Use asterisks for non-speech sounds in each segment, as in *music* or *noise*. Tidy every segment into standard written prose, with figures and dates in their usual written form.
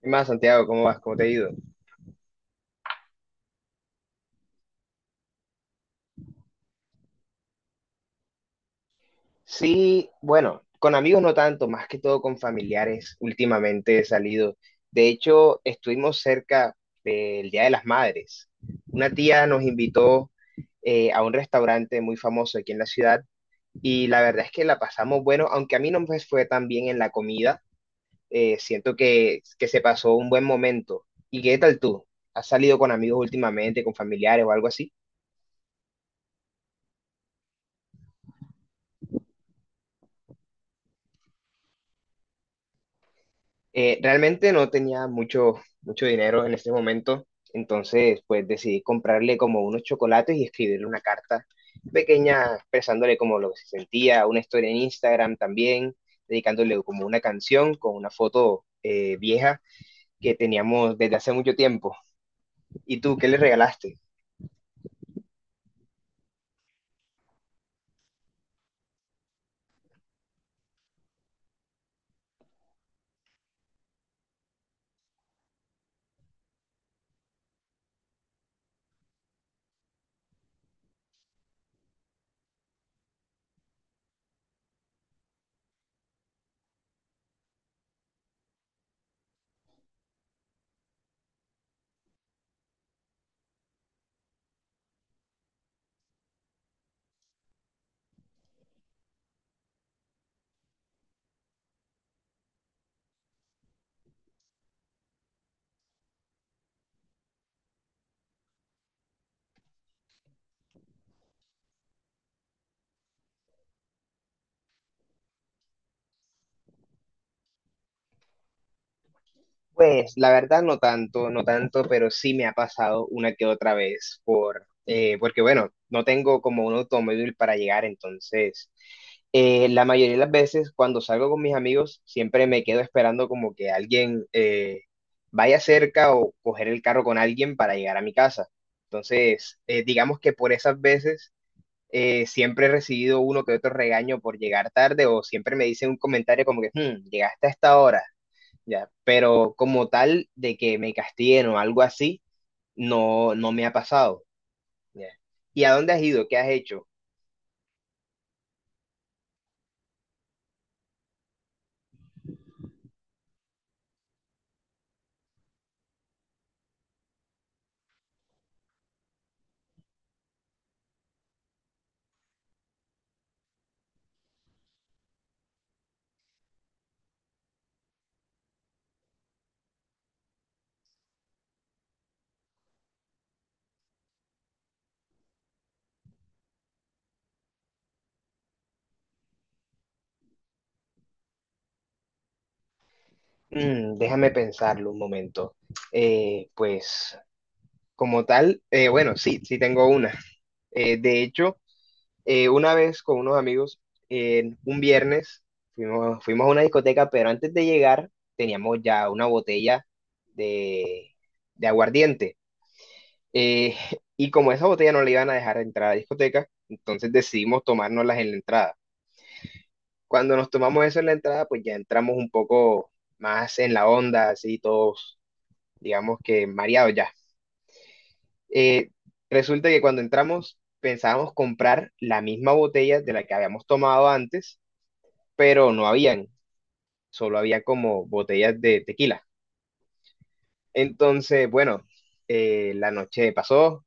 ¿Qué más, Santiago? ¿Cómo vas? ¿Cómo te ha ido? Sí, bueno, con amigos no tanto, más que todo con familiares. Últimamente he salido. De hecho, estuvimos cerca del Día de las Madres. Una tía nos invitó a un restaurante muy famoso aquí en la ciudad y la verdad es que la pasamos bueno, aunque a mí no me fue tan bien en la comida. Siento que se pasó un buen momento. ¿Y qué tal tú? ¿Has salido con amigos últimamente, con familiares o algo así? Realmente no tenía mucho dinero en ese momento, entonces pues decidí comprarle como unos chocolates y escribirle una carta pequeña expresándole como lo que se sentía, una historia en Instagram también, dedicándole como una canción con una foto vieja que teníamos desde hace mucho tiempo. ¿Y tú qué le regalaste? Pues la verdad no tanto, no tanto, pero sí me ha pasado una que otra vez porque bueno, no tengo como un automóvil para llegar, entonces la mayoría de las veces cuando salgo con mis amigos siempre me quedo esperando como que alguien vaya cerca o coger el carro con alguien para llegar a mi casa. Entonces, digamos que por esas veces siempre he recibido uno que otro regaño por llegar tarde o siempre me dicen un comentario como que, "Hmm, llegaste a esta hora ya", pero como tal de que me castiguen o algo así, no, no me ha pasado, ya. ¿Y a dónde has ido? ¿Qué has hecho? Mm, déjame pensarlo un momento. Pues como tal, bueno, sí, sí tengo una. De hecho, una vez con unos amigos, en un viernes, fuimos a una discoteca, pero antes de llegar teníamos ya una botella de, de aguardiente. Eh, *laughs* y como esa botella no la iban a dejar entrar a la discoteca, entonces decidimos tomárnoslas en la entrada. Cuando nos tomamos eso en la entrada, pues ya entramos un poco más en la onda, así todos, digamos que mareados ya. Eh, Resulta que cuando entramos pensábamos comprar la misma botella de la que habíamos tomado antes, pero no habían, solo había como botellas de tequila. Entonces, bueno, la noche pasó,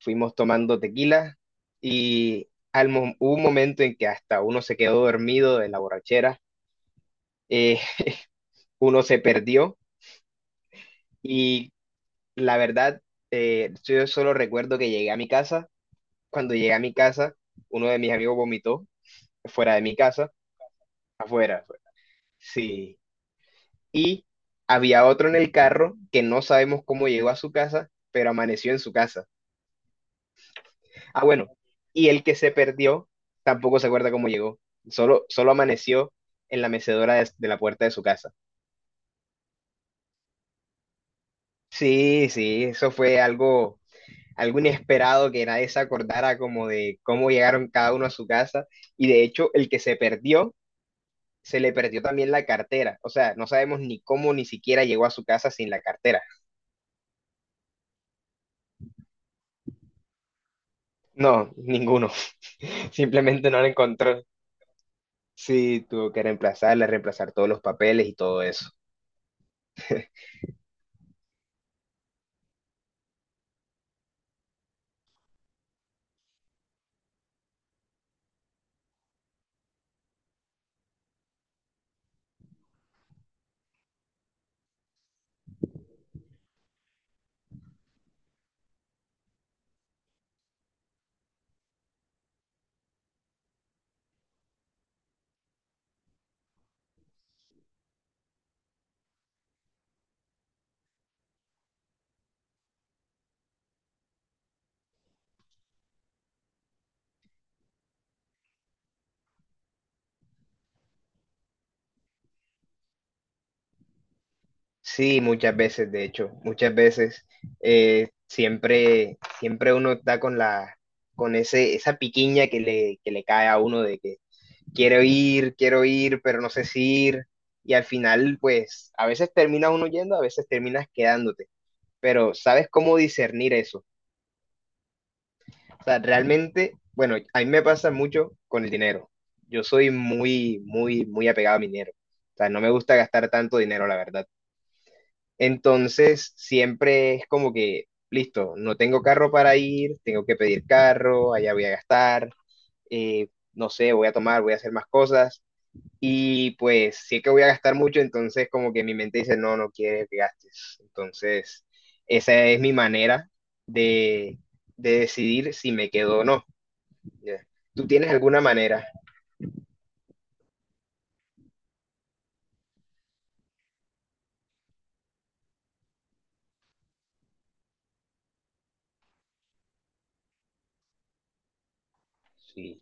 fuimos tomando tequila y hubo un momento en que hasta uno se quedó dormido de la borrachera, eh, *laughs* uno se perdió y la verdad, yo solo recuerdo que llegué a mi casa, cuando llegué a mi casa, uno de mis amigos vomitó fuera de mi casa, afuera, fue. Sí, y había otro en el carro que no sabemos cómo llegó a su casa, pero amaneció en su casa. Ah, bueno, y el que se perdió tampoco se acuerda cómo llegó. Solo amaneció en la mecedora de la puerta de su casa. Sí, sí, eso fue algo, algo inesperado que nadie se acordara como de cómo llegaron cada uno a su casa. Y de hecho, el que se perdió, se le perdió también la cartera. O sea, no sabemos ni cómo ni siquiera llegó a su casa sin la cartera. No, ninguno. *laughs* Simplemente no la encontró. Sí, tuvo que reemplazarla, reemplazar todos los papeles y todo eso. Sí, muchas veces, de hecho, muchas veces siempre, siempre uno está con la, con ese, esa piquiña que que le cae a uno de que quiero ir, pero no sé si ir. Y al final, pues, a veces termina uno yendo, a veces terminas quedándote. Pero ¿sabes cómo discernir eso? O sea, realmente, bueno, a mí me pasa mucho con el dinero. Yo soy muy, muy, muy apegado a mi dinero. O sea, no me gusta gastar tanto dinero, la verdad. Entonces, siempre es como que, listo, no tengo carro para ir, tengo que pedir carro, allá voy a gastar, no sé, voy a tomar, voy a hacer más cosas. Y pues sí que voy a gastar mucho, entonces como que mi mente dice, no, no quiere que gastes. Entonces, esa es mi manera de, de decidir si me quedo o no. Ya. ¿Tú tienes alguna manera? Sí.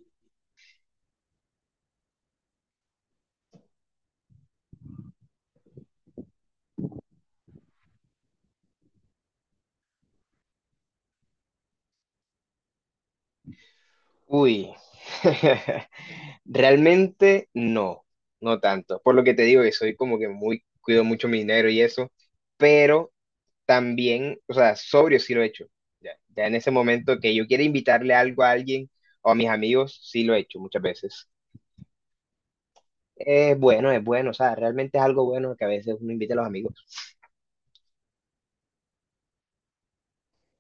Uy. *laughs* Realmente no, no tanto. Por lo que te digo, que soy como que muy, cuido mucho mi dinero y eso, pero también, o sea, sobrio sí lo he hecho. Ya, ya en ese momento que yo quiero invitarle algo a alguien o a mis amigos, sí lo he hecho muchas veces. Es bueno, o sea, realmente es algo bueno que a veces uno invita a los amigos.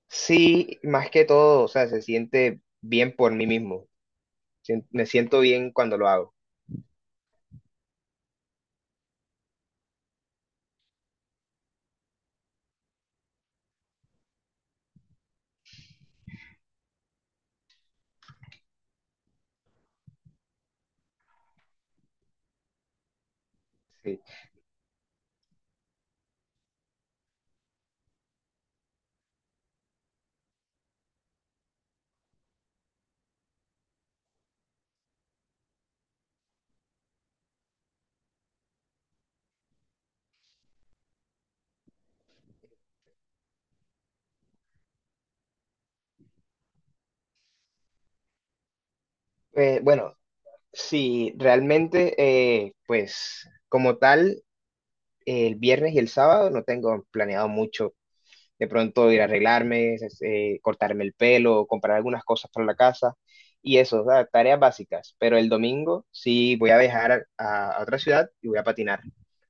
Sí, más que todo, o sea, se siente bien por mí mismo. Me siento bien cuando lo hago. Sí. Bueno, sí, realmente, pues como tal. El viernes y el sábado no tengo planeado mucho. De pronto ir a arreglarme, cortarme el pelo, comprar algunas cosas para la casa y eso, o sea, tareas básicas. Pero el domingo sí voy a viajar a, otra ciudad y voy a patinar.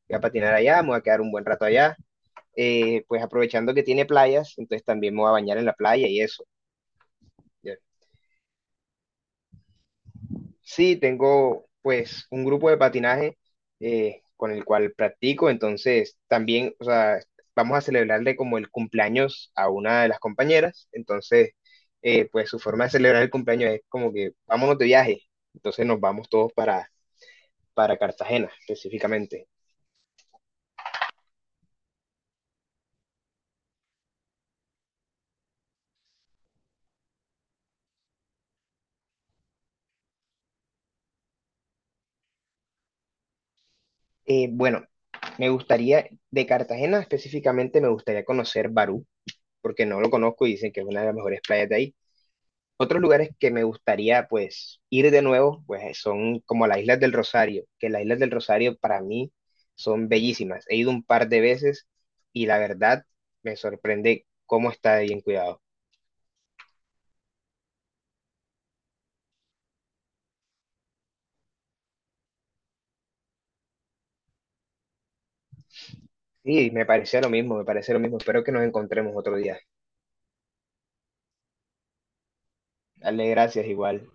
Voy a patinar allá, me voy a quedar un buen rato allá. Pues aprovechando que tiene playas, entonces también me voy a bañar en la playa y eso. Sí, tengo pues un grupo de patinaje con el cual practico, entonces también, o sea, vamos a celebrarle como el cumpleaños a una de las compañeras, entonces pues su forma de celebrar el cumpleaños es como que vámonos de viaje, entonces nos vamos todos para Cartagena específicamente. Bueno, me gustaría, de Cartagena específicamente me gustaría conocer Barú, porque no lo conozco y dicen que es una de las mejores playas de ahí. Otros lugares que me gustaría pues ir de nuevo, pues son como las Islas del Rosario, que las Islas del Rosario para mí son bellísimas. He ido un par de veces y la verdad me sorprende cómo está de bien cuidado. Sí, me parece lo mismo, me parece lo mismo. Espero que nos encontremos otro día. Dale, gracias igual.